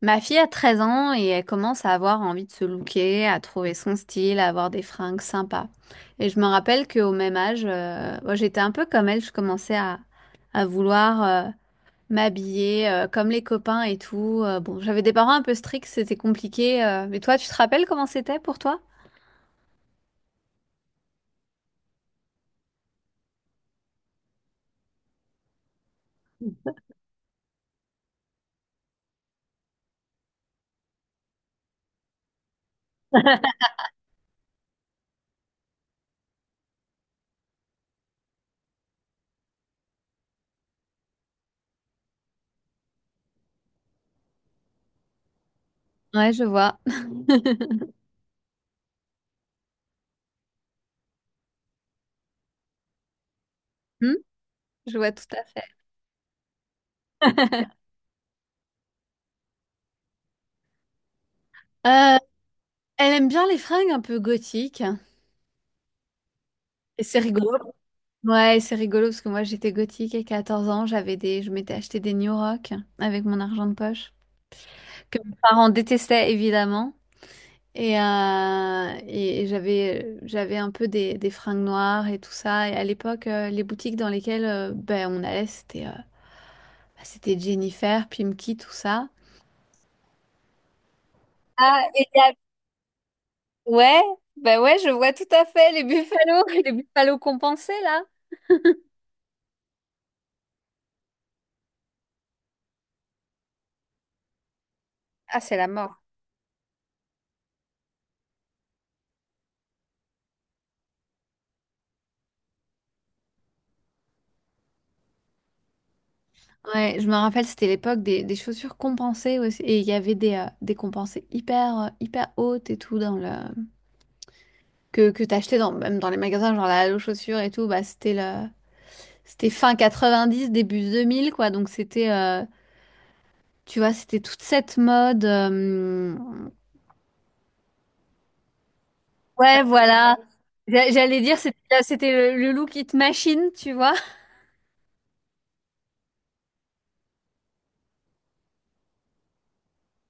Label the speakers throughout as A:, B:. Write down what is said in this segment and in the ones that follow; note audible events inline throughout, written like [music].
A: Ma fille a 13 ans et elle commence à avoir envie de se looker, à trouver son style, à avoir des fringues sympas. Et je me rappelle qu'au même âge, moi, j'étais un peu comme elle, je commençais à vouloir m'habiller comme les copains et tout. Bon, j'avais des parents un peu stricts, c'était compliqué. Mais toi, tu te rappelles comment c'était pour toi? Ouais, je vois. [laughs] Hmm je vois tout à fait. [laughs] Euh, Elle aime bien les fringues un peu gothiques. Et c'est rigolo. Ouais, c'est rigolo parce que moi j'étais gothique et 14 ans, j'avais des je m'étais acheté des New Rock avec mon argent de poche que mes parents détestaient évidemment et j'avais un peu des fringues noires et tout ça, et à l'époque les boutiques dans lesquelles ben on allait c'était c'était Jennifer, Pimkie, tout ça. Ah. Ouais, ben ouais, je vois tout à fait les Buffalo, [laughs] les Buffalo compensés là. Ah, c'est la mort. Ouais, je me rappelle, c'était l'époque des chaussures compensées aussi. Et il y avait des compensées hyper hautes et tout. Que t'achetais dans, même dans les magasins, genre la Halo Chaussures et tout. Bah, c'était fin 90, début 2000, quoi. Donc, c'était, tu vois, c'était toute cette mode. Ouais, voilà. J'allais dire, c'était le look it machine, tu vois.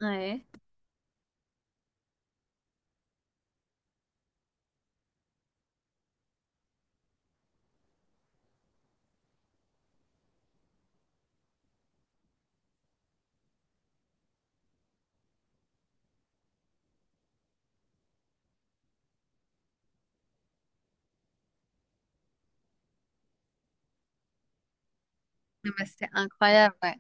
A: Ouais. Ah, bah, c'était incroyable, ouais.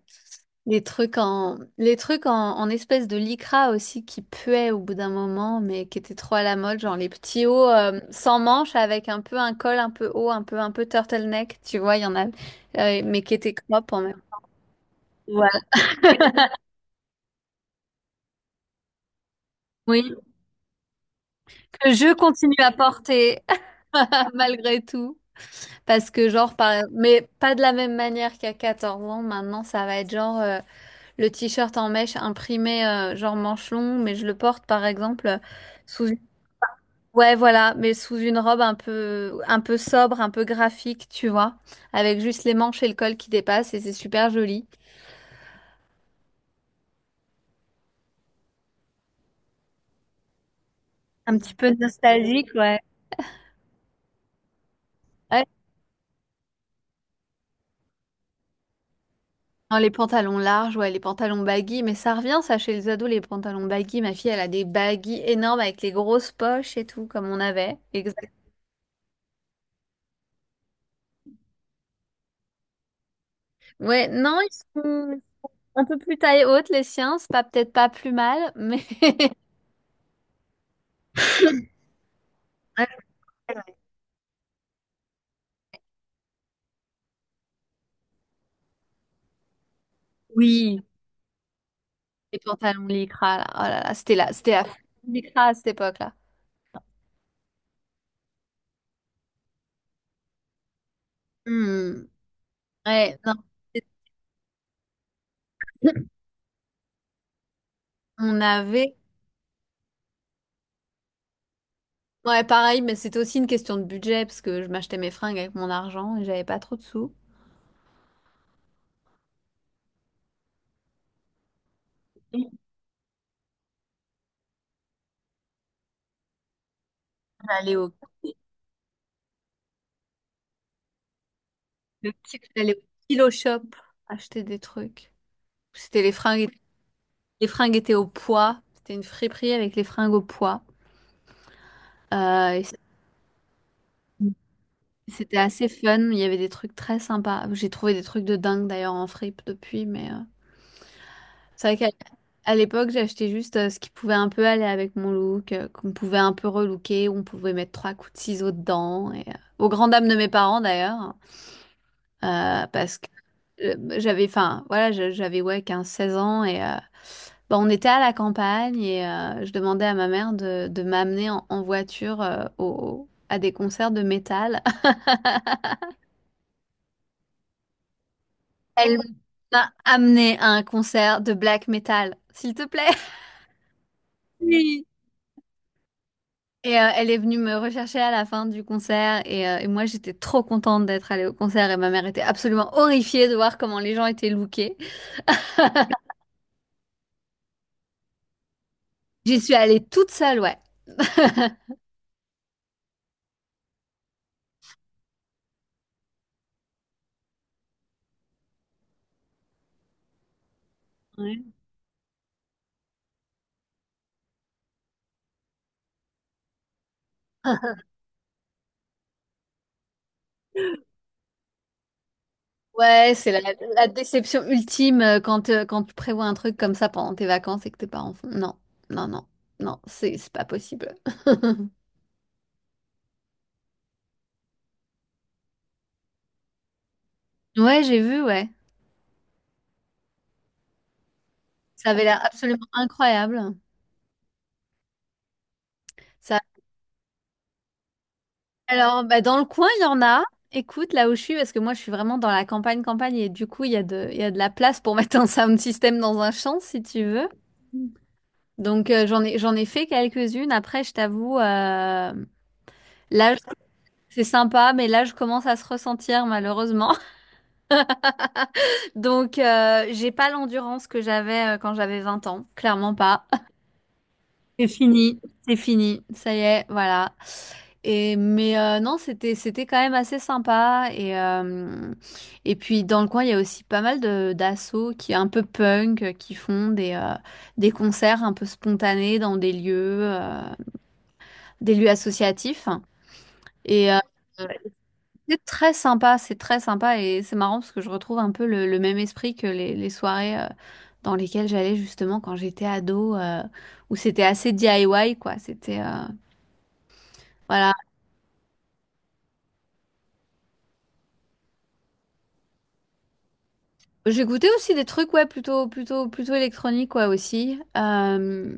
A: Les trucs en espèce de lycra aussi qui puaient au bout d'un moment, mais qui étaient trop à la mode, genre les petits hauts sans manches avec un peu un col un peu haut, un peu turtleneck, tu vois, il y en a, mais qui étaient crop en même. Voilà. Oui, que je continue à porter [laughs] malgré tout, parce que genre, mais pas de la même manière qu'à 14 ans. Maintenant, ça va être genre le t-shirt en mèche imprimé genre manche longue, mais je le porte par exemple sous ouais, voilà, mais sous une robe un peu sobre, un peu graphique, tu vois, avec juste les manches et le col qui dépassent, et c'est super joli. Un petit peu nostalgique, ouais. Ouais. Non, les pantalons larges, ouais, les pantalons baggy, mais ça revient, ça, chez les ados, les pantalons baggy. Ma fille, elle a des baggy énormes avec les grosses poches et tout, comme on avait. Exact. Ouais, non, ils sont un peu plus taille haute, les siens, c'est pas peut-être pas plus mal, mais. Ouais, ouais, ouais. Oui. Les pantalons lycra, là, oh là là, c'était la folie lycra à cette époque-là. Hmm. Ouais, non. [laughs] On avait. Ouais, pareil, mais c'était aussi une question de budget parce que je m'achetais mes fringues avec mon argent et j'avais pas trop de sous. J'allais au... j'allais au Kilo Shop acheter des trucs. C'était les fringues, les fringues étaient au poids. C'était une friperie avec les fringues au poids. Et c'était assez fun. Il y avait des trucs très sympas. J'ai trouvé des trucs de dingue d'ailleurs en fripe depuis, mais. C'est vrai qu'à à l'époque, j'achetais juste ce qui pouvait un peu aller avec mon look, qu'on pouvait un peu relooker, où on pouvait mettre trois coups de ciseaux dedans. Et, aux grandes dames de mes parents d'ailleurs, parce que j'avais, enfin, voilà, j'avais, ouais, 15 16 ans et bah, on était à la campagne et je demandais à ma mère de m'amener en voiture à des concerts de métal. [laughs] Elle m'a amené à un concert de black metal, s'il te plaît. Oui. Et elle est venue me rechercher à la fin du concert et moi j'étais trop contente d'être allée au concert et ma mère était absolument horrifiée de voir comment les gens étaient lookés. J'y suis allée toute seule, ouais. Ouais. [laughs] Ouais, c'est la déception ultime quand tu prévois un truc comme ça pendant tes vacances et que tes parents font non, non, non, non, c'est pas possible. Ouais, j'ai vu, ouais. Ça avait l'air absolument incroyable. Ça Alors, bah, dans le coin, il y en a. Écoute, là où je suis, parce que moi, je suis vraiment dans la campagne, campagne, et du coup, il y a de la place pour [laughs] mettre un sound system dans un champ, si tu veux. Donc, j'en ai fait quelques-unes. Après, je t'avoue, là, c'est sympa, mais là, je commence à se ressentir, malheureusement. [laughs] Donc, j'ai pas l'endurance que j'avais quand j'avais 20 ans. Clairement pas. C'est fini, c'est fini, ça y est, voilà. Et mais non, c'était quand même assez sympa et puis dans le coin il y a aussi pas mal de d'assos qui est un peu punk qui font des concerts un peu spontanés dans des lieux associatifs et c'est très sympa et c'est marrant parce que je retrouve un peu le même esprit que les soirées dans lesquelles j'allais justement quand j'étais ado, où c'était assez DIY, quoi. C'était, voilà. J'ai goûté aussi des trucs, ouais, plutôt, plutôt, plutôt électroniques, ouais, aussi.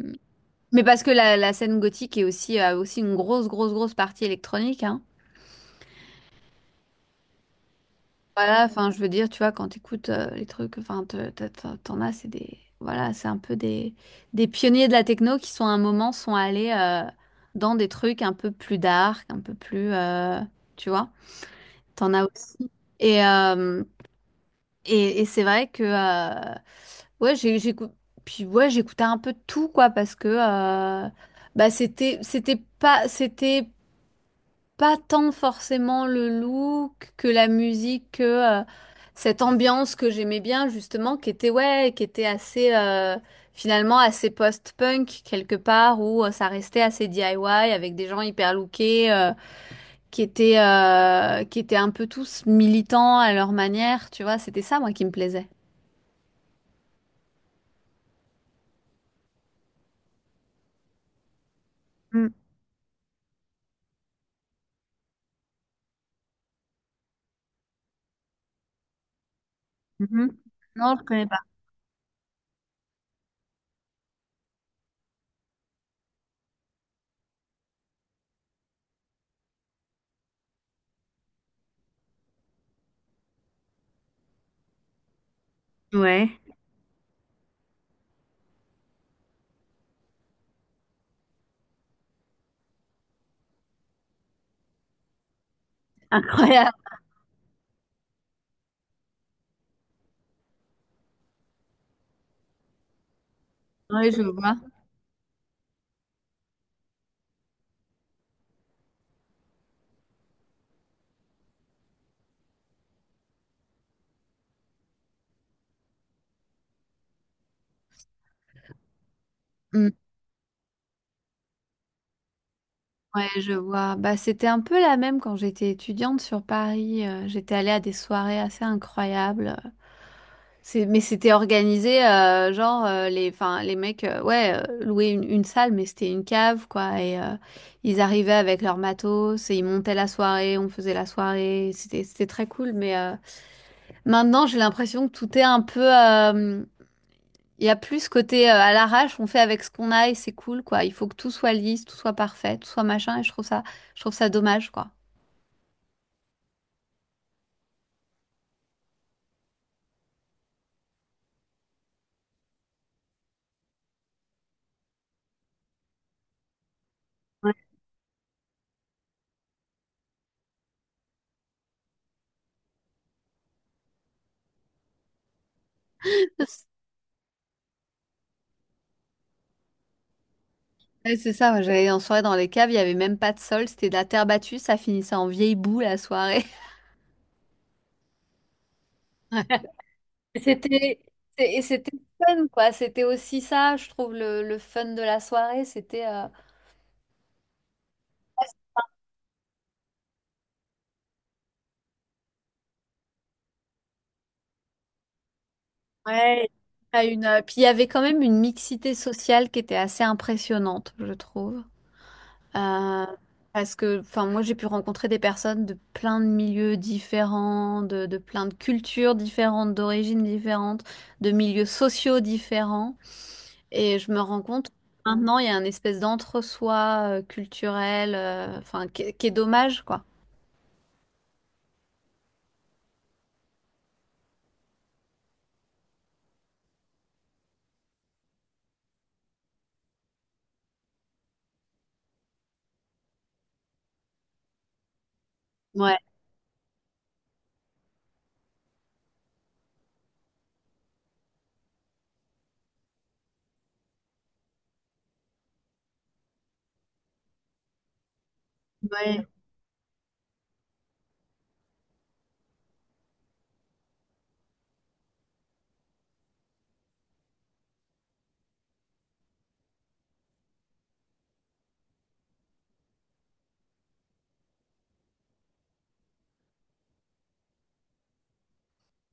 A: Mais parce que la scène gothique est aussi, a aussi une grosse, grosse, grosse partie électronique, hein. Voilà, enfin, je veux dire, tu vois, quand t'écoutes les trucs, enfin, t'en as, c'est des, voilà, c'est un peu des pionniers de la techno qui sont à un moment sont allés dans des trucs un peu plus dark, un peu plus, tu vois, t'en as aussi. Et, euh, et c'est vrai que ouais j'ai j'écoute puis ouais, j'écoutais un peu de tout quoi parce que euh, bah c'était pas tant forcément le look que la musique que cette ambiance que j'aimais bien, justement, qui était, ouais, qui était assez finalement assez post-punk quelque part où ça restait assez DIY avec des gens hyper lookés, qui étaient un peu tous militants à leur manière, tu vois, c'était ça moi qui me plaisait. Mhm. Non, je connais pas. Ouais. [laughs] Incroyable. Oui, je vois. Mm. Ouais, je vois. Bah, c'était un peu la même quand j'étais étudiante sur Paris. J'étais allée à des soirées assez incroyables. C'est, mais c'était organisé, genre, enfin, les mecs, ouais, louaient une salle, mais c'était une cave, quoi. Et ils arrivaient avec leur matos et ils montaient la soirée, on faisait la soirée. C'était, très cool. Mais maintenant, j'ai l'impression que tout est un peu. Il y a plus ce côté à l'arrache, on fait avec ce qu'on a et c'est cool, quoi. Il faut que tout soit lisse, tout soit parfait, tout soit machin, et je trouve ça dommage, quoi. [laughs] Ouais, c'est ça, moi j'allais en soirée dans les caves, il n'y avait même pas de sol, c'était de la terre battue, ça finissait en vieille boue la soirée. [laughs] Et C'était, et c'était fun, quoi. C'était aussi ça, je trouve, le fun de la soirée. Ouais. Puis il y avait quand même une mixité sociale qui était assez impressionnante, je trouve. Euh, Parce que, enfin, moi, j'ai pu rencontrer des personnes de plein de milieux différents, de plein de cultures différentes, d'origines différentes, de milieux sociaux différents. Et je me rends compte que maintenant, il y a un espèce d'entre-soi culturel, enfin, qui est dommage, quoi. Ouais, ouais.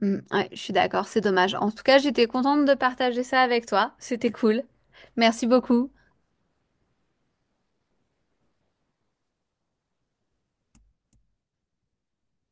A: Mm, ouais, je suis d'accord, c'est dommage. En tout cas, j'étais contente de partager ça avec toi. C'était cool. Merci beaucoup.